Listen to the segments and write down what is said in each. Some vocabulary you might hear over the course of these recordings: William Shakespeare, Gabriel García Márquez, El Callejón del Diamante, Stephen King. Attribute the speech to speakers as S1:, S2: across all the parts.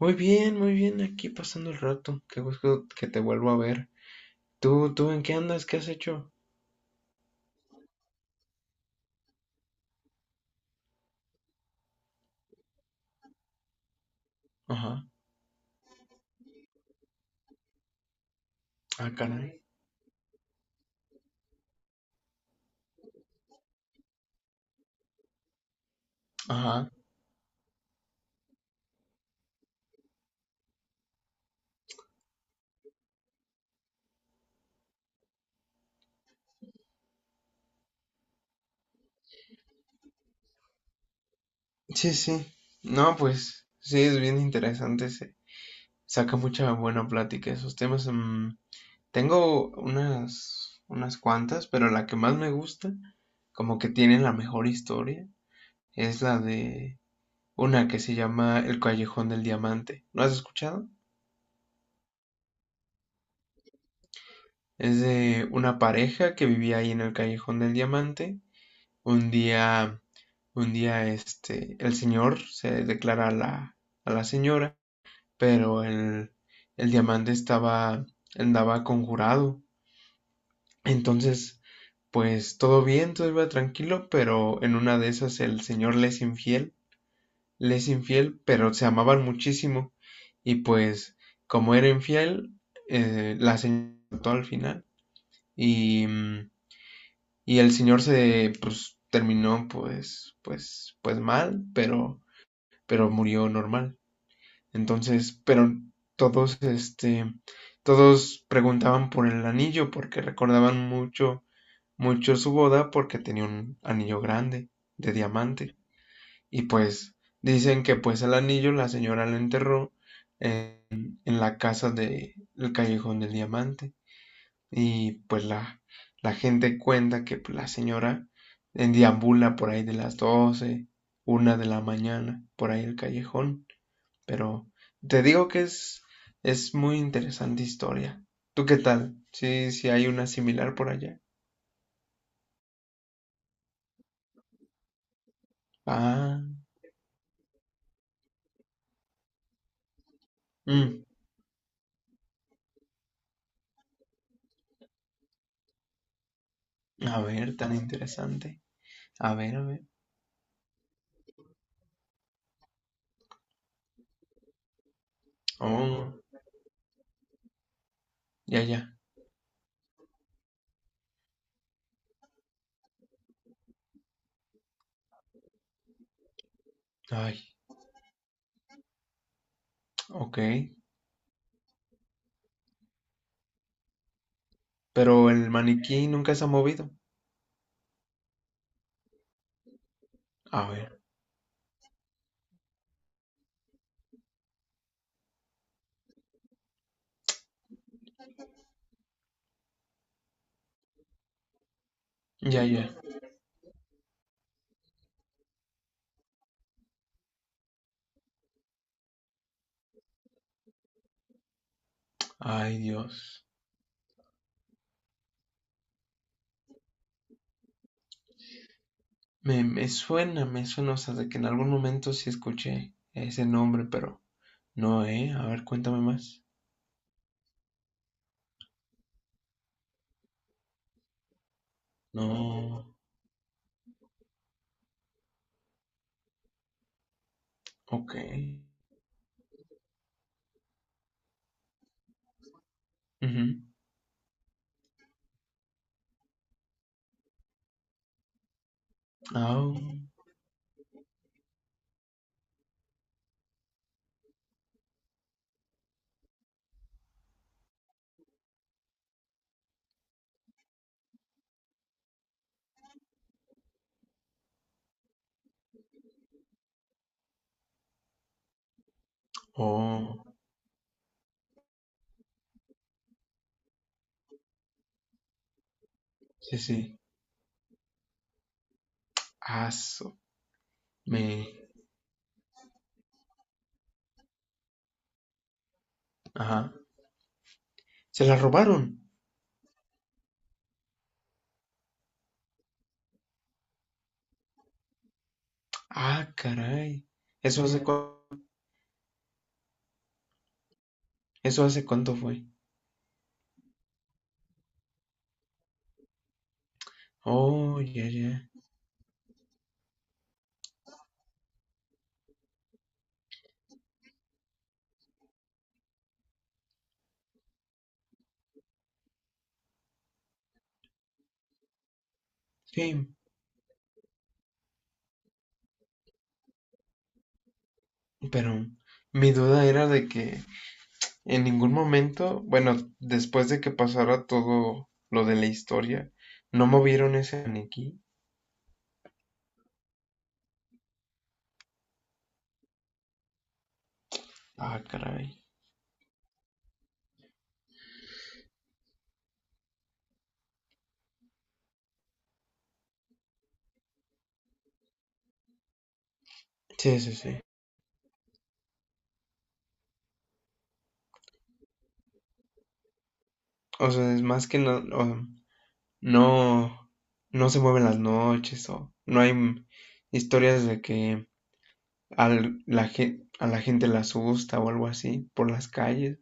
S1: Muy bien, aquí pasando el rato. Qué gusto que te vuelvo a ver. Tú en qué andas? ¿Qué has hecho? Ajá. Ah, caray. Ajá. Sí, sí. No, pues sí, es bien interesante. Se saca mucha buena plática esos temas. Mm, tengo unas cuantas, pero la que más me gusta, como que tiene la mejor historia, es la de una que se llama El Callejón del Diamante. ¿Lo has escuchado? Es de una pareja que vivía ahí en el Callejón del Diamante. Un día, un día, el señor se declara a la señora, pero el diamante estaba, andaba conjurado. Entonces, pues todo bien, todo iba tranquilo, pero en una de esas el señor le es infiel, pero se amaban muchísimo. Y pues, como era infiel, la señora al final. Y Y el señor se, pues, terminó, pues mal, pero murió normal. Entonces, pero todos, todos preguntaban por el anillo porque recordaban mucho su boda porque tenía un anillo grande de diamante. Y pues dicen que pues el anillo la señora lo enterró en la casa del el callejón del diamante. Y pues la gente cuenta que pues, la señora deambula por ahí de las 12 una de la mañana, por ahí el callejón. Pero te digo que es muy interesante historia. ¿Tú qué tal? Sí, sí hay una similar por allá. Ah, mm, a ver, tan interesante. A ver, a ver. Oh, ya, ya. Ay, ok. Pero el maniquí nunca se ha movido. A ver, ya, ya. Ay, Dios. Me suena, me suena, o sea, de que en algún momento sí escuché ese nombre, pero no, ¿eh? A ver, cuéntame más. No, ok. Ujú. Ah, oh, sí, sí. Aso, me, ajá. ¿Se la robaron? Ah, caray. ¿Eso hace cu- Eso hace cuánto fue? Oh, ya, ya. Sí, pero mi duda era de que en ningún momento, bueno, después de que pasara todo lo de la historia, no movieron ese maniquí. Ah, caray. Sí, sí, sí. O sea, es más que no, no, no se mueven las noches o no hay historias de que a la gente la asusta o algo así por las calles.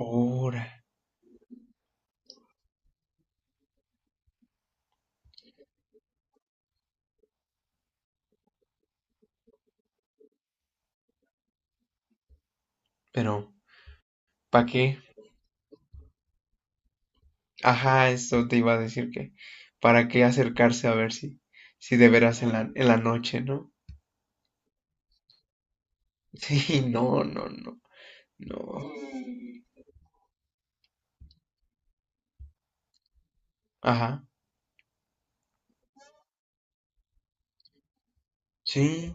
S1: Ahora, pero ¿para qué? Ajá, eso te iba a decir que, ¿para qué acercarse a ver si, si de veras en la noche, ¿no? Sí, no, no, no, no. Ajá, sí,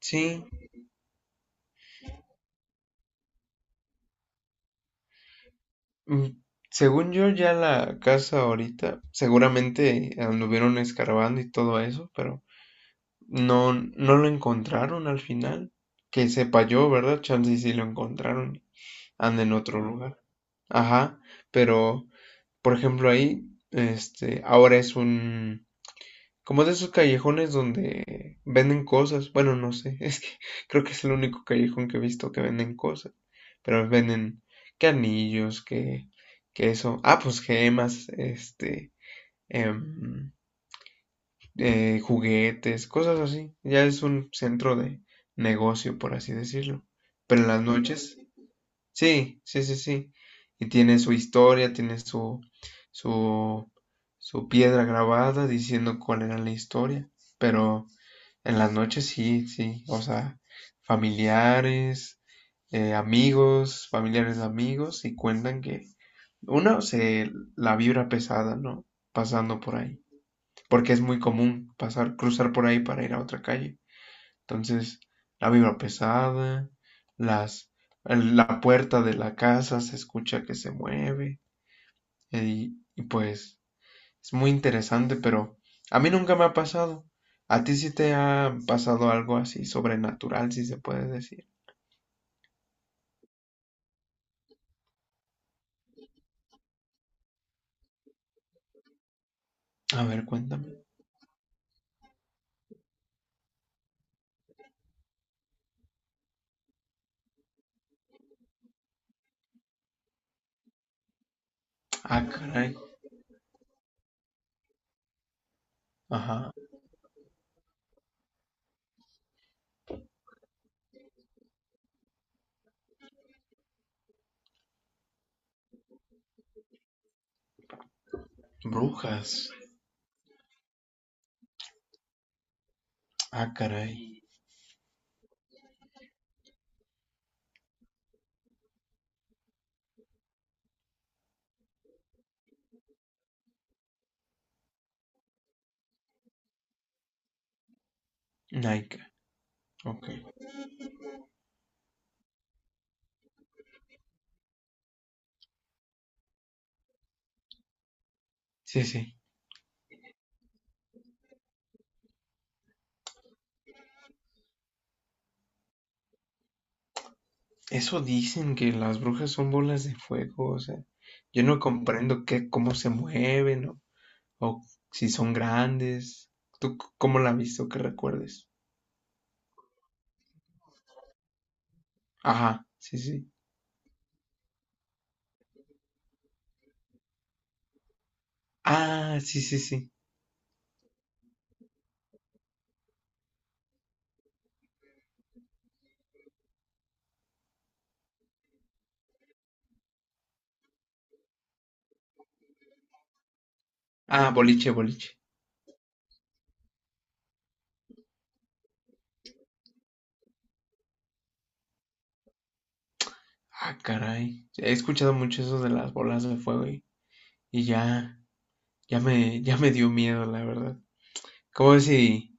S1: sí. Mm, según yo, ya la casa ahorita, seguramente anduvieron escarbando y todo eso, pero no, no lo encontraron al final. Que sepa yo, ¿verdad? Chance y sí lo encontraron. Anda en otro lugar. Ajá, pero, por ejemplo, ahí, ahora es un, como de esos callejones donde venden cosas. Bueno, no sé, es que creo que es el único callejón que he visto que venden cosas. Pero venden que anillos, que eso. Ah, pues gemas, em, juguetes, cosas así. Ya es un centro de negocio, por así decirlo. Pero en las noches, sí, sí, sí, sí. Y tiene su historia, tiene su, su piedra grabada diciendo cuál era la historia. Pero en las noches sí, sí, o sea, familiares, amigos, familiares de amigos, y cuentan que uno se la vibra pesada, ¿no? Pasando por ahí, porque es muy común pasar, cruzar por ahí para ir a otra calle. Entonces, la vibra pesada, las, la puerta de la casa se escucha que se mueve, y pues es muy interesante, pero a mí nunca me ha pasado. ¿A ti sí te ha pasado algo así sobrenatural, si se puede decir? A ver, cuéntame. Ah, caray. Ajá. Brujas. Ah, caray. Naika. Ok. Sí, sí. Eso dicen que las brujas son bolas de fuego, o sea, yo no comprendo qué, cómo se mueven o si son grandes. ¿Tú cómo la has visto que recuerdes? Ajá, sí, sí. Ah, sí, sí, sí. Ah, boliche, boliche. Ah, caray. He escuchado mucho eso de las bolas de fuego y ya, ya me dio miedo, la verdad. ¿Cómo ves si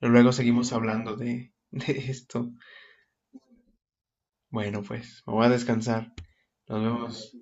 S1: luego seguimos hablando de esto? Bueno, pues, me voy a descansar. Nos vemos.